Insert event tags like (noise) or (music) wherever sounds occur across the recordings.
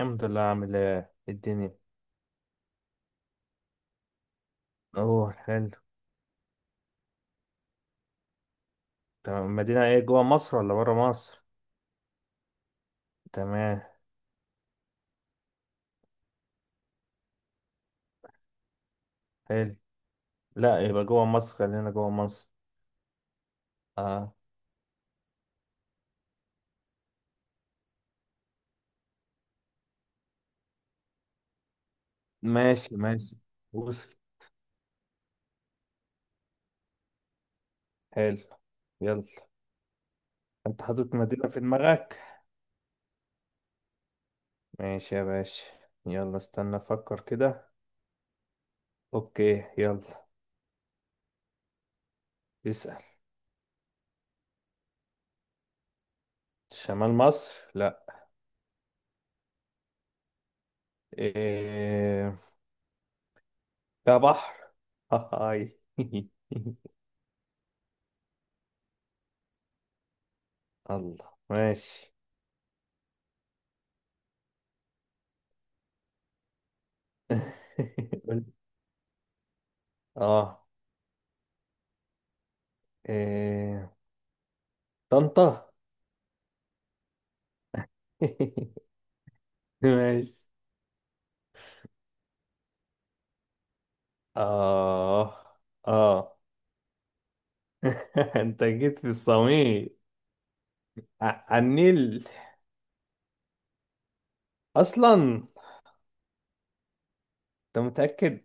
الحمد لله. عامل ايه؟ إيه الدنيا؟ اوه، حلو. تمام. المدينة ايه، جوه مصر ولا برا مصر؟ تمام. حلو. لا، يبقى جوه مصر، خلينا جوه مصر. اه. ماشي، ماشي. وصل. حلو. يلا. انت حاطط مدينة في دماغك. ماشي يا باشا. يلا، استنى افكر كده. اوكي، يلا. اسأل. شمال مصر؟ لا. ايه، ده بحر؟ هاي (laughs) الله، ماشي. (laughs) اه. إيه... طنطا. (laughs) ماشي. آه، آه. (laughs) أنت جيت في الصميم. على النيل أصلا. أنت متأكد؟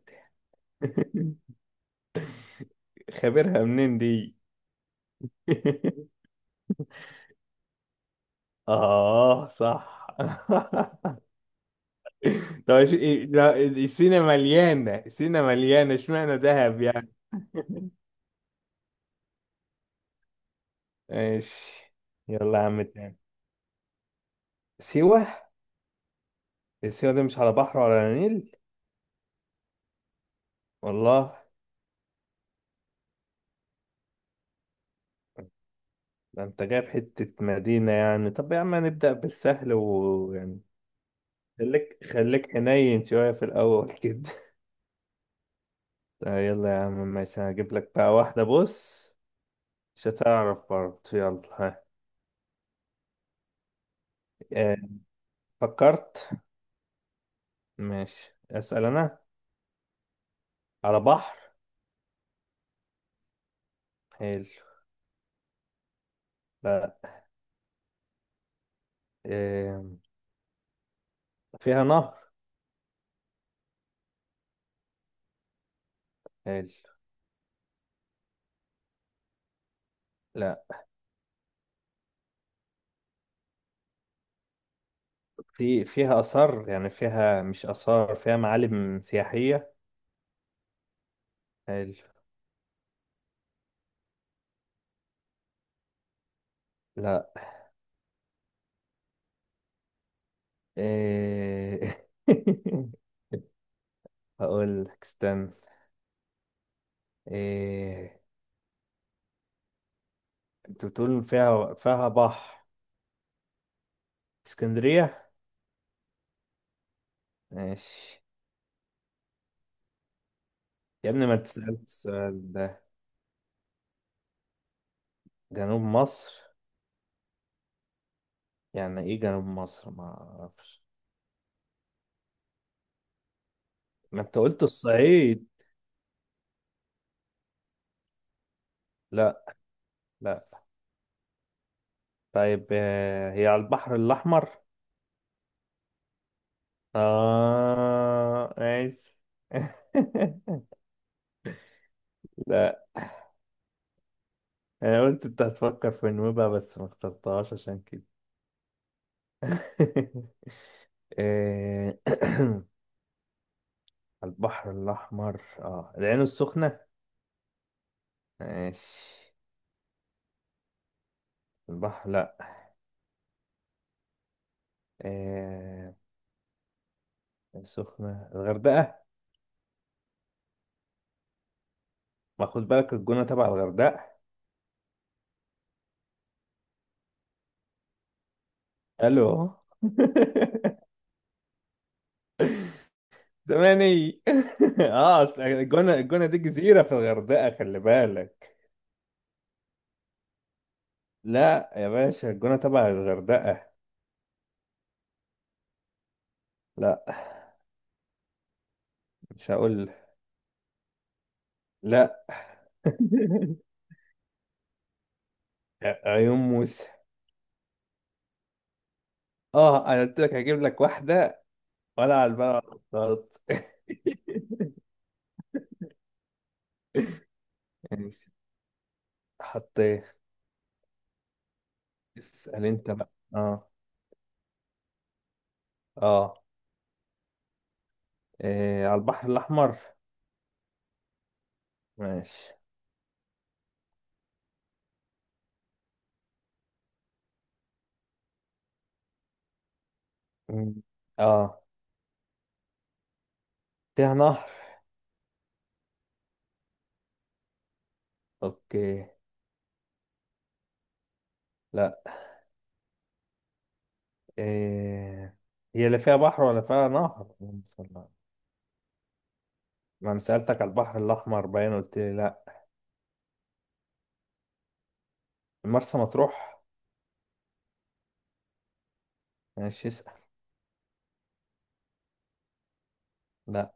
(laughs) خبرها منين دي؟ (laughs) آه، صح. (laughs) طب، لا، سينا مليانة، سينا مليانة، اشمعنى دهب يعني؟ (laughs) ماشي. يلا يا عم، تاني. سيوة. سيوة دي مش على بحر ولا على نيل؟ والله؟ ده انت جايب حتة مدينة يعني، طب يا عم نبدأ بالسهل ويعني، خليك خليك حنين شوية في الأول كده. (laughs) آه، يلا يا عم ماشي، هجيب لك بقى واحدة، بص. مش هتعرف برضه، يلا ها. آه، فكرت. ماشي، أسأل أنا. على بحر؟ حلو. لا. آه، فيها نهر؟ حلو. لا. فيها آثار يعني، فيها مش آثار، فيها معالم سياحية؟ حلو. لا. آه، (laughs) هقول لك استنى. إيه، انت بتقول فيها بحر؟ اسكندرية؟ ماشي. يا ابني ما تسأل السؤال ده. جنوب مصر؟ يعني ايه جنوب مصر؟ ما اعرفش. ما انت قلت الصعيد. لا، لا. طيب، آه، هي على البحر الأحمر؟ اه، ماشي. (laughs) لا، انا قلت انت هتفكر في نوبة بس ما اخترتهاش عشان كده. (laughs) إيه (clears throat) (coughs) البحر الأحمر، اه، العين السخنة؟ ماشي. البحر؟ لا. آه. السخنة، الغردقة؟ ما خد بالك الجونة تبع الغردقة، الو (laughs) زماني. (laughs) اه، أصل الجونة، الجونة دي جزيرة في الغردقة، خلي بالك. لا يا باشا، الجونة تبع الغردقة. لا، مش هقول. لا. (laughs) عيون موسى. اه، انا قلت لك هجيب لك واحدة. ولا على البلد (laughs) ولا على الخطاط. ماشي. حطيت. اسأل انت بقى. اه، اه. إيه، على البحر الأحمر؟ ماشي. مم. اه. فيها نهر؟ اوكي. لا. إيه، هي اللي فيها بحر ولا فيها نهر، اللهم صل على- ما انا سألتك على البحر الأحمر باين، قلت لي لا. مرسى مطروح؟ ماشي. لا.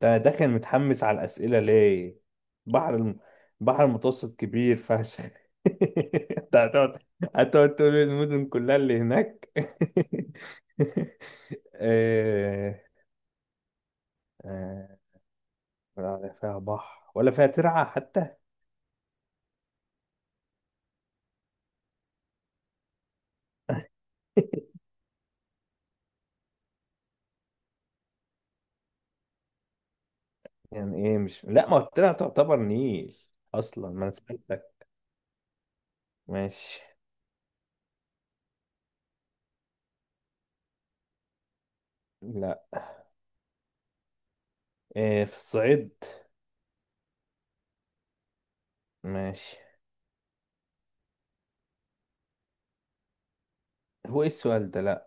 ده انا داخل متحمس على الأسئلة ليه؟ بحر الم... بحر المتوسط كبير فشخ. (laughs) انت هتقعد تقول لي المدن كلها اللي هناك؟ (laughs) آه، آه، ولا فيها بحر ولا فيها ترعة حتى؟ (laughs) يعني ايه مش، لا ما هو الترعة تعتبر نيل اصلا، ما انا سألتك. ماشي. لا. إيه، في الصعيد؟ ماشي. هو ايه السؤال ده؟ لا.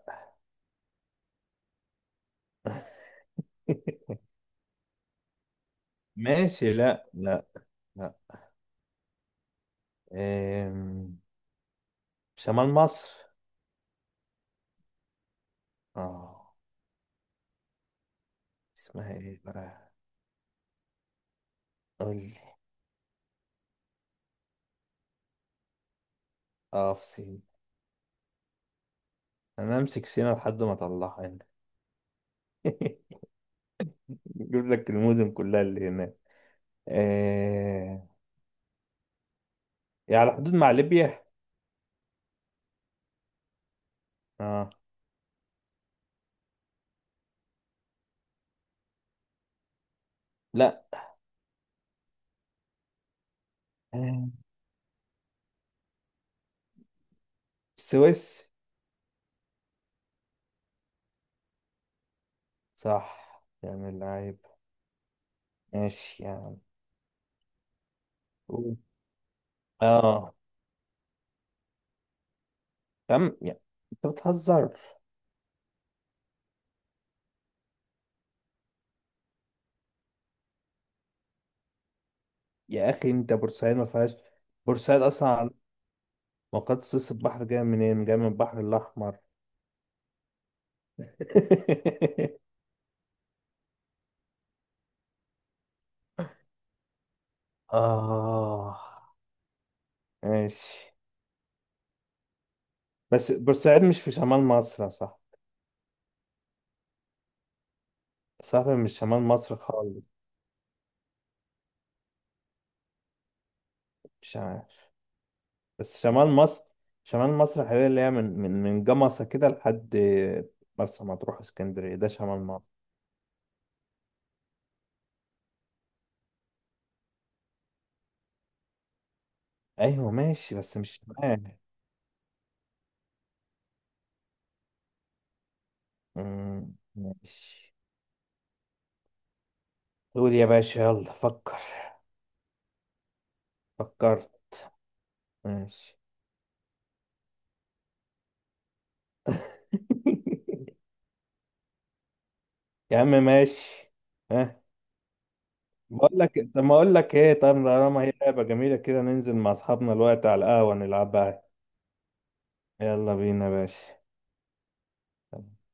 (laughs) ماشي. لا، لا، لا. إيه، شمال مصر؟ اه. اسمها ايه بقى؟ قول لي. اه، في سينا. انا امسك سينا لحد ما اطلعها هنا. (laughs) اجيب لك المدن كلها اللي هناك. آه. يعني على حدود مع ليبيا؟ اه. لا. آه، السويس؟ صح يعني العيب. ماشي يعني. قول. اه. تم يعني. انت بتهزر؟ يا اخي انت، بورسعيد ما فيهاش، بورسعيد اصلا مقاط سويس، البحر جاي منين، جاي من البحر الاحمر. (laughs) آه، ماشي. بس بورسعيد مش في شمال مصر صح؟ صح، مش شمال مصر خالص. مش عارف. بس شمال مصر، شمال مصر حبيبي اللي هي من جمصة كده لحد مرسى مطروح، اسكندرية، ده شمال مصر. ايوه، ماشي، بس مش شمال. ماشي. قول يا باشا، يلا فكر. فكرت؟ ماشي. (laughs) يا عم، ماشي. ها. بقول لك، طب ما اقول لك ايه، طب طالما هي لعبة جميلة كده، ننزل مع اصحابنا الوقت على القهوة نلعبها. يلا بينا يا باشا. طب.